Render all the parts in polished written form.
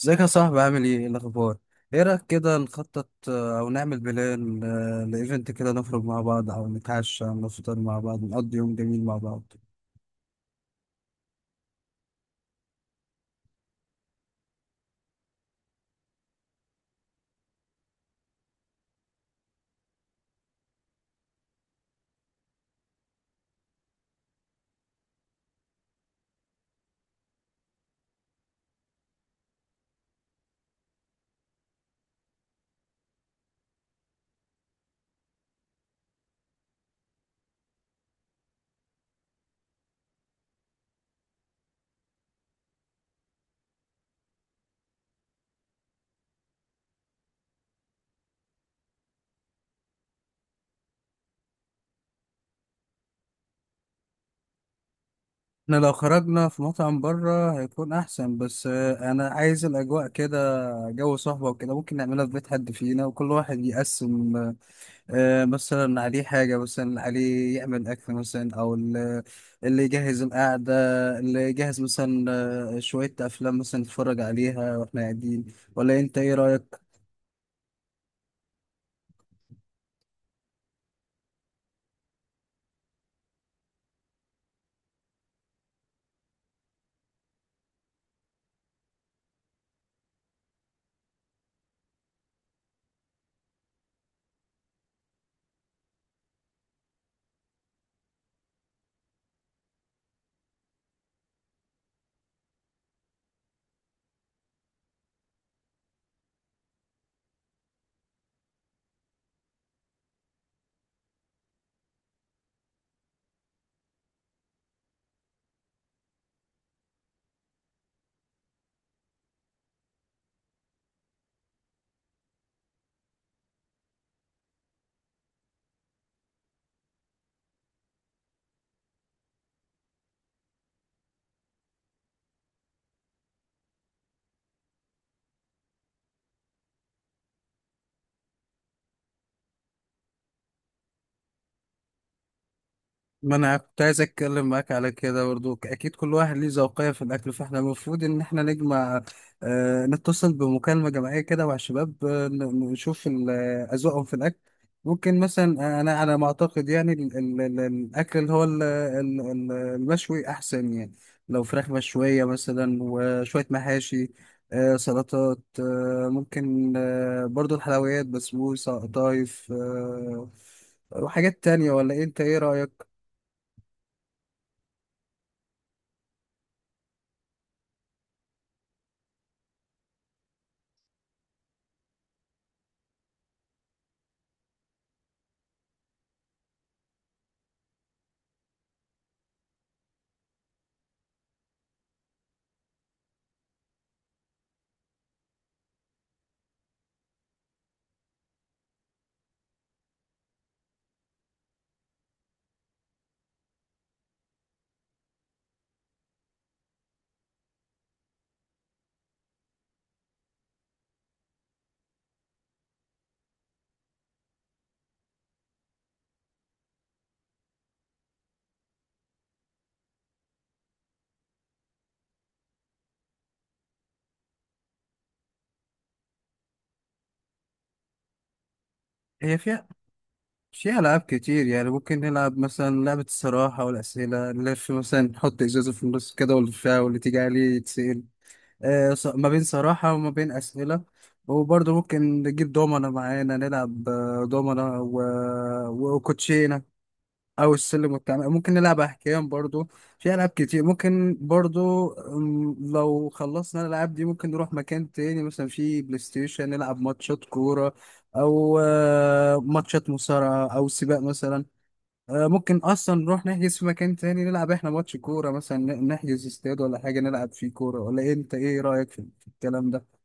ازيك يا صاحبي؟ عامل ايه؟ ايه الاخبار؟ ايه رايك كده نخطط او نعمل بلان، لايفنت كده، نخرج مع بعض او نتعشى او نفطر مع بعض، نقضي يوم جميل مع بعض. احنا لو خرجنا في مطعم بره هيكون احسن، بس انا عايز الاجواء كده، جو صحبه وكده. ممكن نعملها في بيت حد فينا وكل واحد يقسم، مثلا عليه حاجة، مثلا عليه يعمل أكل، مثلا أو اللي يجهز القعدة، اللي يجهز مثلا شوية أفلام مثلا نتفرج عليها وإحنا قاعدين. ولا أنت إيه رأيك؟ ما انا كنت عايز اتكلم معاك على كده برضو. اكيد كل واحد ليه ذوقية في الاكل، فاحنا المفروض ان احنا نجمع، آه، نتصل بمكالمة جماعية كده مع الشباب، نشوف اذواقهم في الاكل. ممكن مثلا، انا على ما اعتقد يعني ال ال ال الاكل اللي هو ال ال ال المشوي احسن يعني، لو فراخ مشوية مثلا وشوية محاشي، آه، سلطات، آه، ممكن آه برضو الحلويات، بسبوسة، قطايف، آه، وحاجات تانية. ولا إيه؟ انت ايه رأيك؟ هي فيها ألعاب كتير يعني. ممكن نلعب مثلا لعبة الصراحة والأسئلة، نلف مثلا، نحط إزازة في النص كده ونلفها واللي تيجي عليه يتسأل ما بين صراحة وما بين أسئلة. وبرضه ممكن نجيب دومنة معانا، نلعب دومنة و... وكوتشينة، او السلم والتعامل، ممكن نلعب احكام برضو. في العاب كتير. ممكن برضو، لو خلصنا الالعاب دي ممكن نروح مكان تاني، مثلا في بلاي ستيشن نلعب ماتشات كورة، او ماتشات مصارعة او سباق مثلا. ممكن اصلا نروح نحجز في مكان تاني نلعب احنا ماتش كورة مثلا، نحجز استاد ولا حاجة نلعب فيه كورة. ولا إيه؟ انت ايه رأيك في الكلام ده؟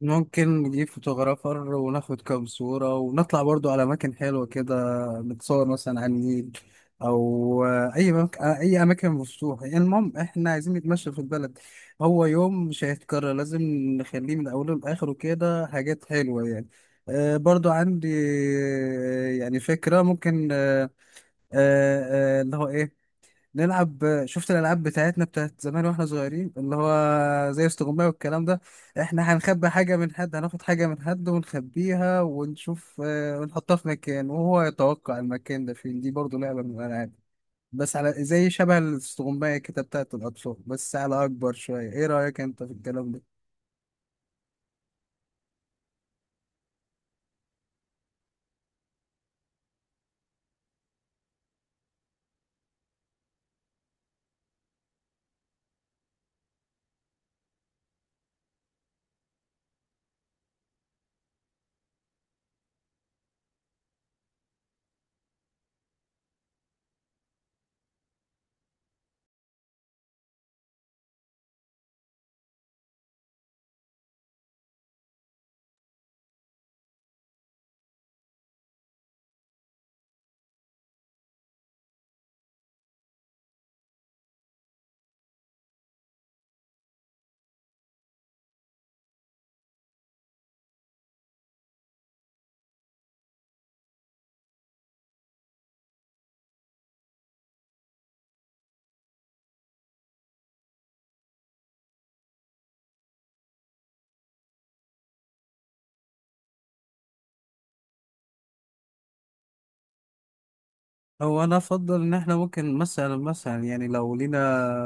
ممكن نجيب فوتوغرافر وناخد كام صورة، ونطلع برضو على أماكن حلوة كده، نتصور مثلا على النيل، أو أي أي أماكن مفتوحة. يعني المهم إحنا عايزين نتمشى في البلد. هو يوم مش هيتكرر، لازم نخليه من أوله لآخره كده حاجات حلوة يعني. برضو عندي يعني فكرة، ممكن اللي هو إيه، نلعب، شفت الالعاب بتاعتنا بتاعت زمان واحنا صغيرين اللي هو زي استغماية والكلام ده. احنا هنخبي حاجه من حد، هناخد حاجه من حد ونخبيها ونشوف، ونحطها في مكان وهو يتوقع المكان ده فين. دي برضو لعبه من الالعاب، بس على زي شبه الاستغماية كده بتاعت الاطفال بس على اكبر شويه. ايه رايك انت في الكلام ده؟ هو انا افضل ان احنا ممكن مثلا، يعني لو لينا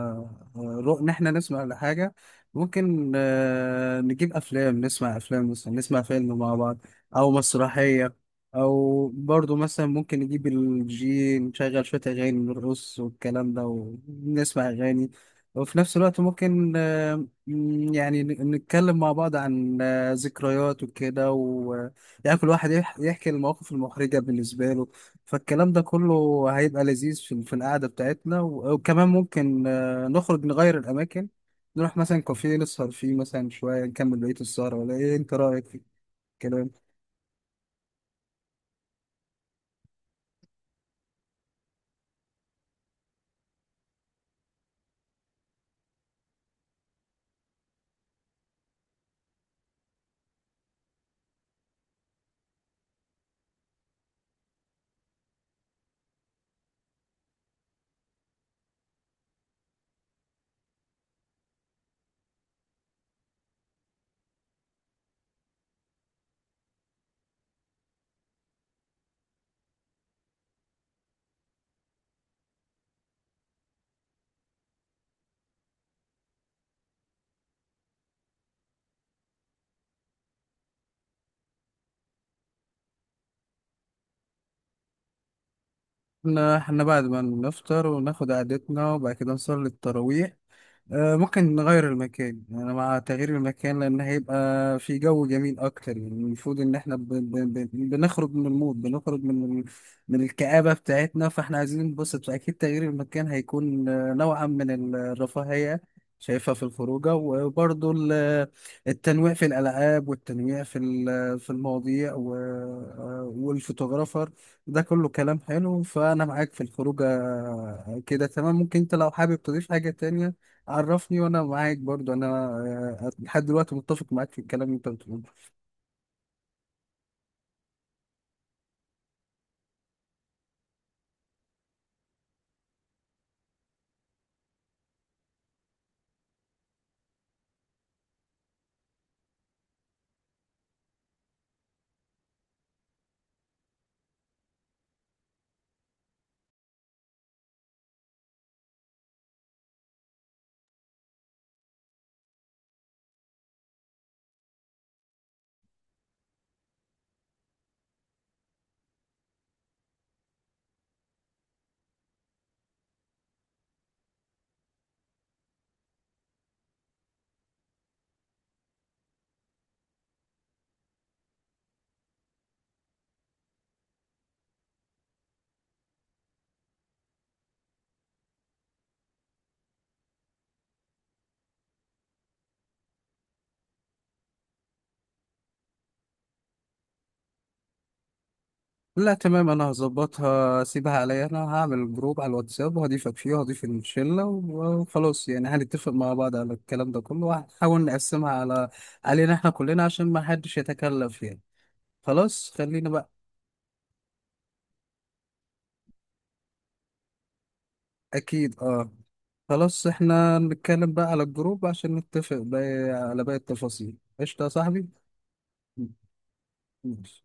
آه، رؤ ان احنا نسمع لحاجه، ممكن نجيب افلام، نسمع افلام مثلا، نسمع فيلم مع بعض او مسرحيه، او برضو مثلا ممكن نجيب الجي نشغل شويه اغاني، نرقص والكلام ده ونسمع اغاني. وفي نفس الوقت ممكن يعني نتكلم مع بعض عن ذكريات وكده، و يعني كل واحد يحكي المواقف المحرجه بالنسبه له. فالكلام ده كله هيبقى لذيذ في القعدة بتاعتنا. وكمان ممكن نخرج نغير الأماكن، نروح مثلا كافيه نسهر فيه مثلا شوية نكمل بقية السهرة. ولا إيه أنت رأيك في الكلام؟ إحنا بعد ما نفطر وناخد قعدتنا وبعد كده نصلي التراويح، ممكن نغير المكان. انا مع تغيير المكان، لان هيبقى في جو جميل اكتر. يعني المفروض ان احنا بنخرج من المود، بنخرج من من الكآبة بتاعتنا. فاحنا عايزين ننبسط، فاكيد تغيير المكان هيكون نوعا من الرفاهية شايفها في الخروجة. وبرضه التنويع في الألعاب، والتنويع في في المواضيع، و... آه، والفوتوغرافر، ده كله كلام حلو. فأنا معاك في الخروجة كده تمام. ممكن أنت لو حابب تضيف حاجة تانية عرفني، وانا معاك برضو. انا لحد دلوقتي متفق معاك في الكلام اللي انت بتقوله. لا، تمام. انا هظبطها، سيبها عليا. انا هعمل جروب على الواتساب وهضيفك فيه وهضيف الشله، وخلاص يعني هنتفق مع بعض على الكلام ده كله، وهنحاول نقسمها على علينا احنا كلنا عشان ما حدش يتكلف يعني. خلاص، خلينا بقى. اكيد، اه. خلاص، احنا نتكلم بقى على الجروب عشان نتفق بقى على باقي التفاصيل. قشطه يا صاحبي. ماشي.